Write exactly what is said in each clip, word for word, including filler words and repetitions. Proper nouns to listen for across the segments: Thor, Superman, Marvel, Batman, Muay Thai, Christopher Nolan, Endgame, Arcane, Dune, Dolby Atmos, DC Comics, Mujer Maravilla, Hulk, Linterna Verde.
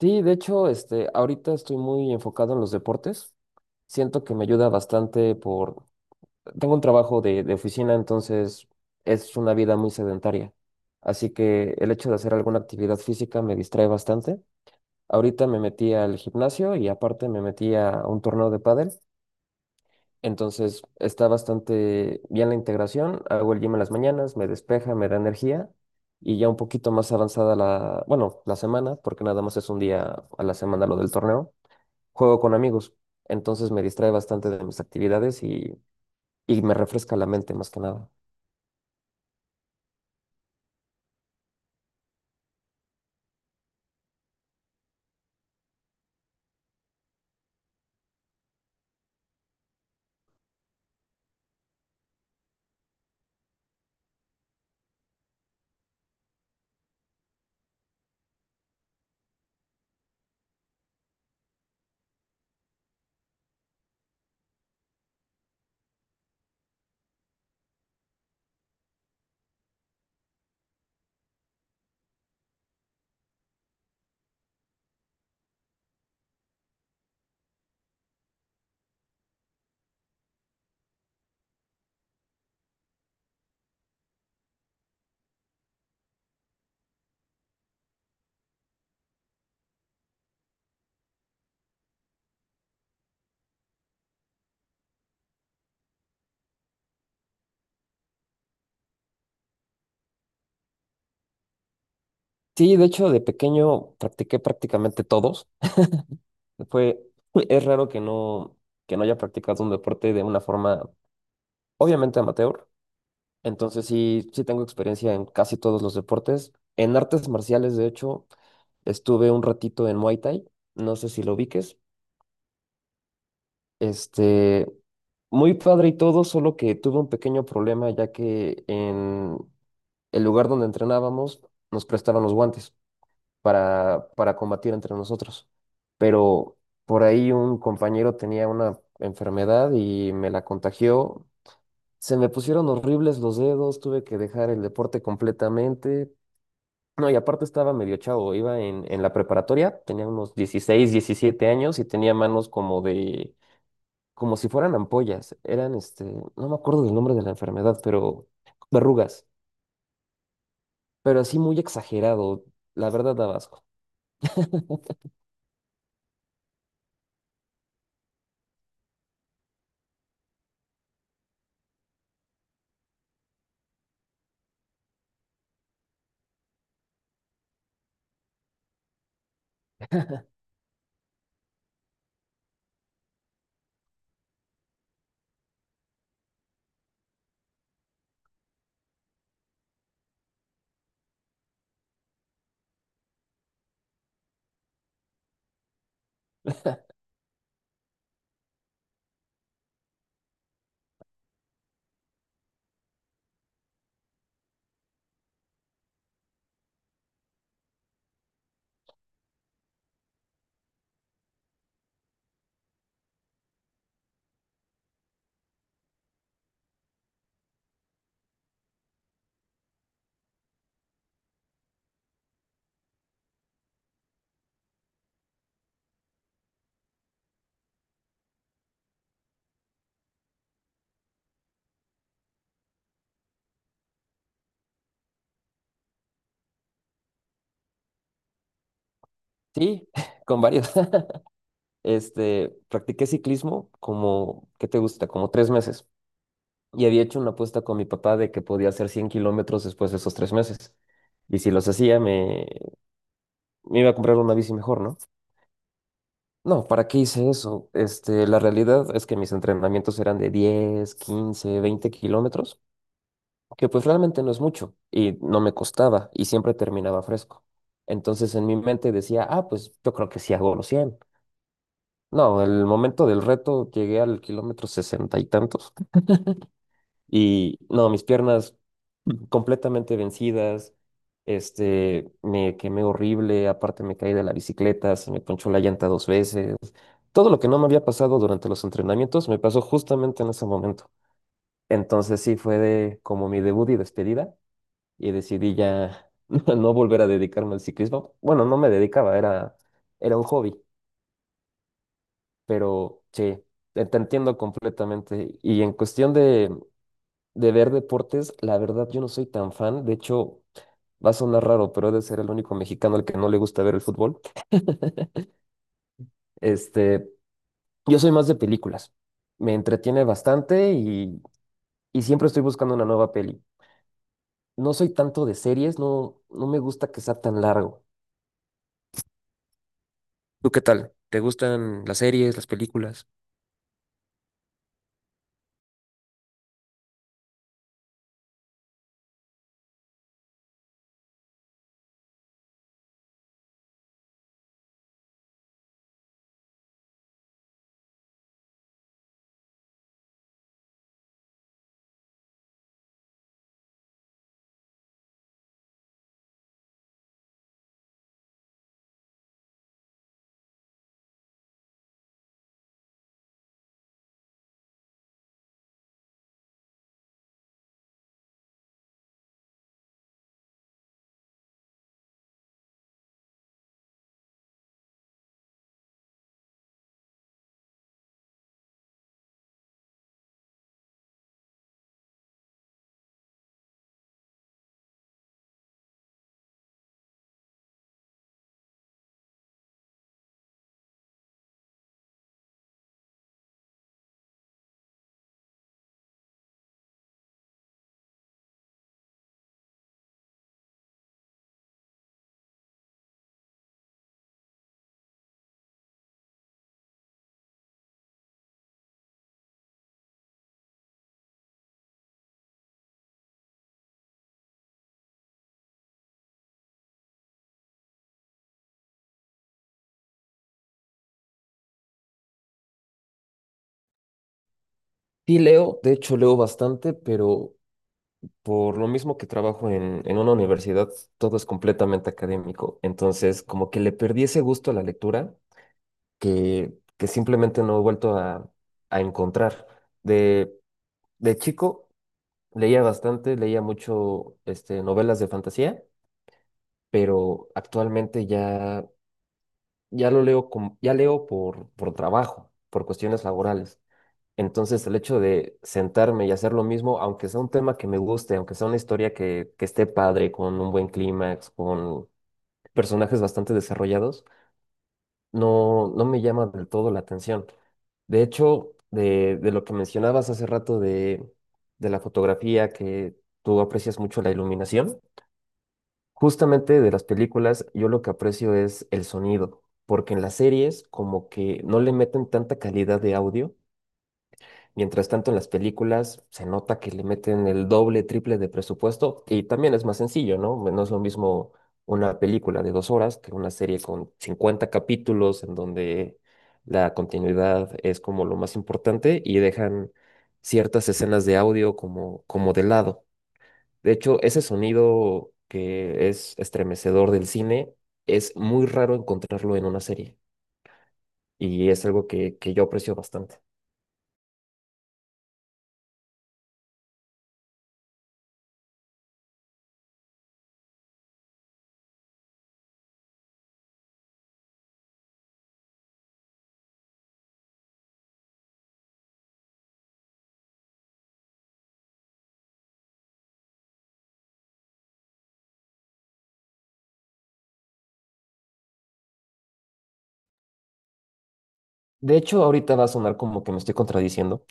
Sí, de hecho, este, ahorita estoy muy enfocado en los deportes. Siento que me ayuda bastante por. Tengo un trabajo de, de oficina, entonces es una vida muy sedentaria. Así que el hecho de hacer alguna actividad física me distrae bastante. Ahorita me metí al gimnasio y aparte me metí a un torneo de pádel. Entonces está bastante bien la integración. Hago el gym en las mañanas, me despeja, me da energía y ya un poquito más avanzada la, bueno, la semana, porque nada más es un día a la semana lo del torneo juego con amigos, entonces me distrae bastante de mis actividades y, y me refresca la mente más que nada. Sí, de hecho, de pequeño practiqué prácticamente todos. Fue, es raro que no, que no haya practicado un deporte de una forma obviamente amateur. Entonces sí, sí tengo experiencia en casi todos los deportes. En artes marciales, de hecho, estuve un ratito en Muay Thai. No sé si lo ubiques. Este, muy padre y todo, solo que tuve un pequeño problema ya que en el lugar donde entrenábamos nos prestaban los guantes para, para combatir entre nosotros. Pero por ahí un compañero tenía una enfermedad y me la contagió. Se me pusieron horribles los dedos, tuve que dejar el deporte completamente. No, y aparte estaba medio chavo, iba en, en la preparatoria, tenía unos dieciséis, diecisiete años y tenía manos como de, como si fueran ampollas. Eran, este, no me acuerdo del nombre de la enfermedad, pero verrugas. Pero así muy exagerado, la verdad da asco. Sí, con varios. Este, practiqué ciclismo como, ¿qué te gusta? Como tres meses. Y había hecho una apuesta con mi papá de que podía hacer cien kilómetros después de esos tres meses. Y si los hacía, me, me iba a comprar una bici mejor, ¿no? No, ¿para qué hice eso? Este, la realidad es que mis entrenamientos eran de diez quince veinte kilómetros. Que pues realmente no es mucho y no me costaba y siempre terminaba fresco. Entonces en mi mente decía, ah, pues yo creo que sí hago los cien. No, el momento del reto llegué al kilómetro sesenta y tantos y no, mis piernas completamente vencidas, este, me quemé horrible, aparte me caí de la bicicleta, se me ponchó la llanta dos veces. Todo lo que no me había pasado durante los entrenamientos me pasó justamente en ese momento. Entonces sí fue de como mi debut y despedida y decidí ya no volver a dedicarme al ciclismo. Bueno, no me dedicaba, era, era un hobby, pero sí, te te entiendo completamente. Y en cuestión de, de ver deportes, la verdad yo no soy tan fan. De hecho, va a sonar raro, pero he de ser el único mexicano al que no le gusta ver el fútbol. Este, yo soy más de películas. Me entretiene bastante y, y siempre estoy buscando una nueva peli. No soy tanto de series, no, no me gusta que sea tan largo. ¿Tú qué tal? ¿Te gustan las series, las películas? Sí, leo, de hecho leo bastante, pero por lo mismo que trabajo en, en una universidad, todo es completamente académico. Entonces, como que le perdí ese gusto a la lectura que, que simplemente no he vuelto a, a encontrar. De, de chico leía bastante, leía mucho este, novelas de fantasía, pero actualmente ya, ya lo leo como, ya leo por, por trabajo, por cuestiones laborales. Entonces, el hecho de sentarme y hacer lo mismo, aunque sea un tema que me guste, aunque sea una historia que, que esté padre, con un buen clímax, con personajes bastante desarrollados, no, no me llama del todo la atención. De hecho, de, de lo que mencionabas hace rato de, de la fotografía, que tú aprecias mucho la iluminación, justamente de las películas, yo lo que aprecio es el sonido, porque en las series como que no le meten tanta calidad de audio. Mientras tanto, en las películas se nota que le meten el doble, triple de presupuesto y también es más sencillo, ¿no? Bueno, no es lo mismo una película de dos horas que una serie con cincuenta capítulos en donde la continuidad es como lo más importante y dejan ciertas escenas de audio como, como de lado. De hecho, ese sonido que es estremecedor del cine es muy raro encontrarlo en una serie y es algo que, que yo aprecio bastante. De hecho, ahorita va a sonar como que me estoy contradiciendo,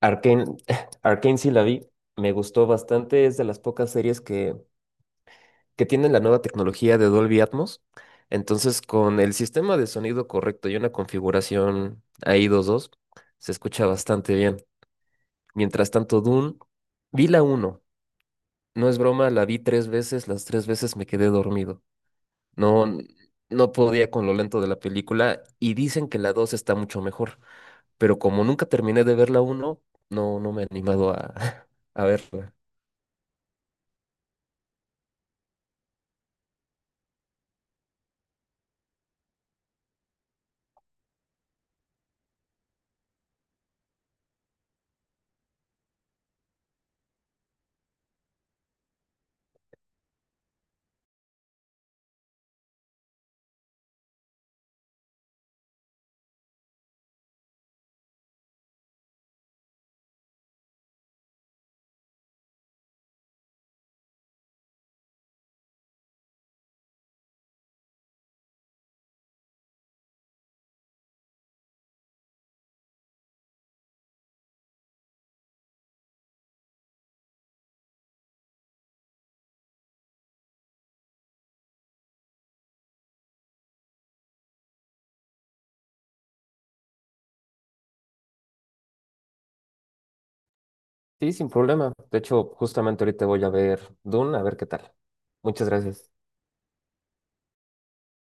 Arcane, Arcane sí la vi, me gustó bastante, es de las pocas series que, que tienen la nueva tecnología de Dolby Atmos. Entonces, con el sistema de sonido correcto y una configuración ahí dos dos, se escucha bastante bien. Mientras tanto, Dune, vi la uno. No es broma, la vi tres veces, las tres veces me quedé dormido. No, no podía con lo lento de la película y dicen que la dos está mucho mejor, pero como nunca terminé de ver la uno, no, no me he animado a, a verla. Sí, sin problema. De hecho, justamente ahorita voy a ver Dune, a ver qué tal. Muchas gracias.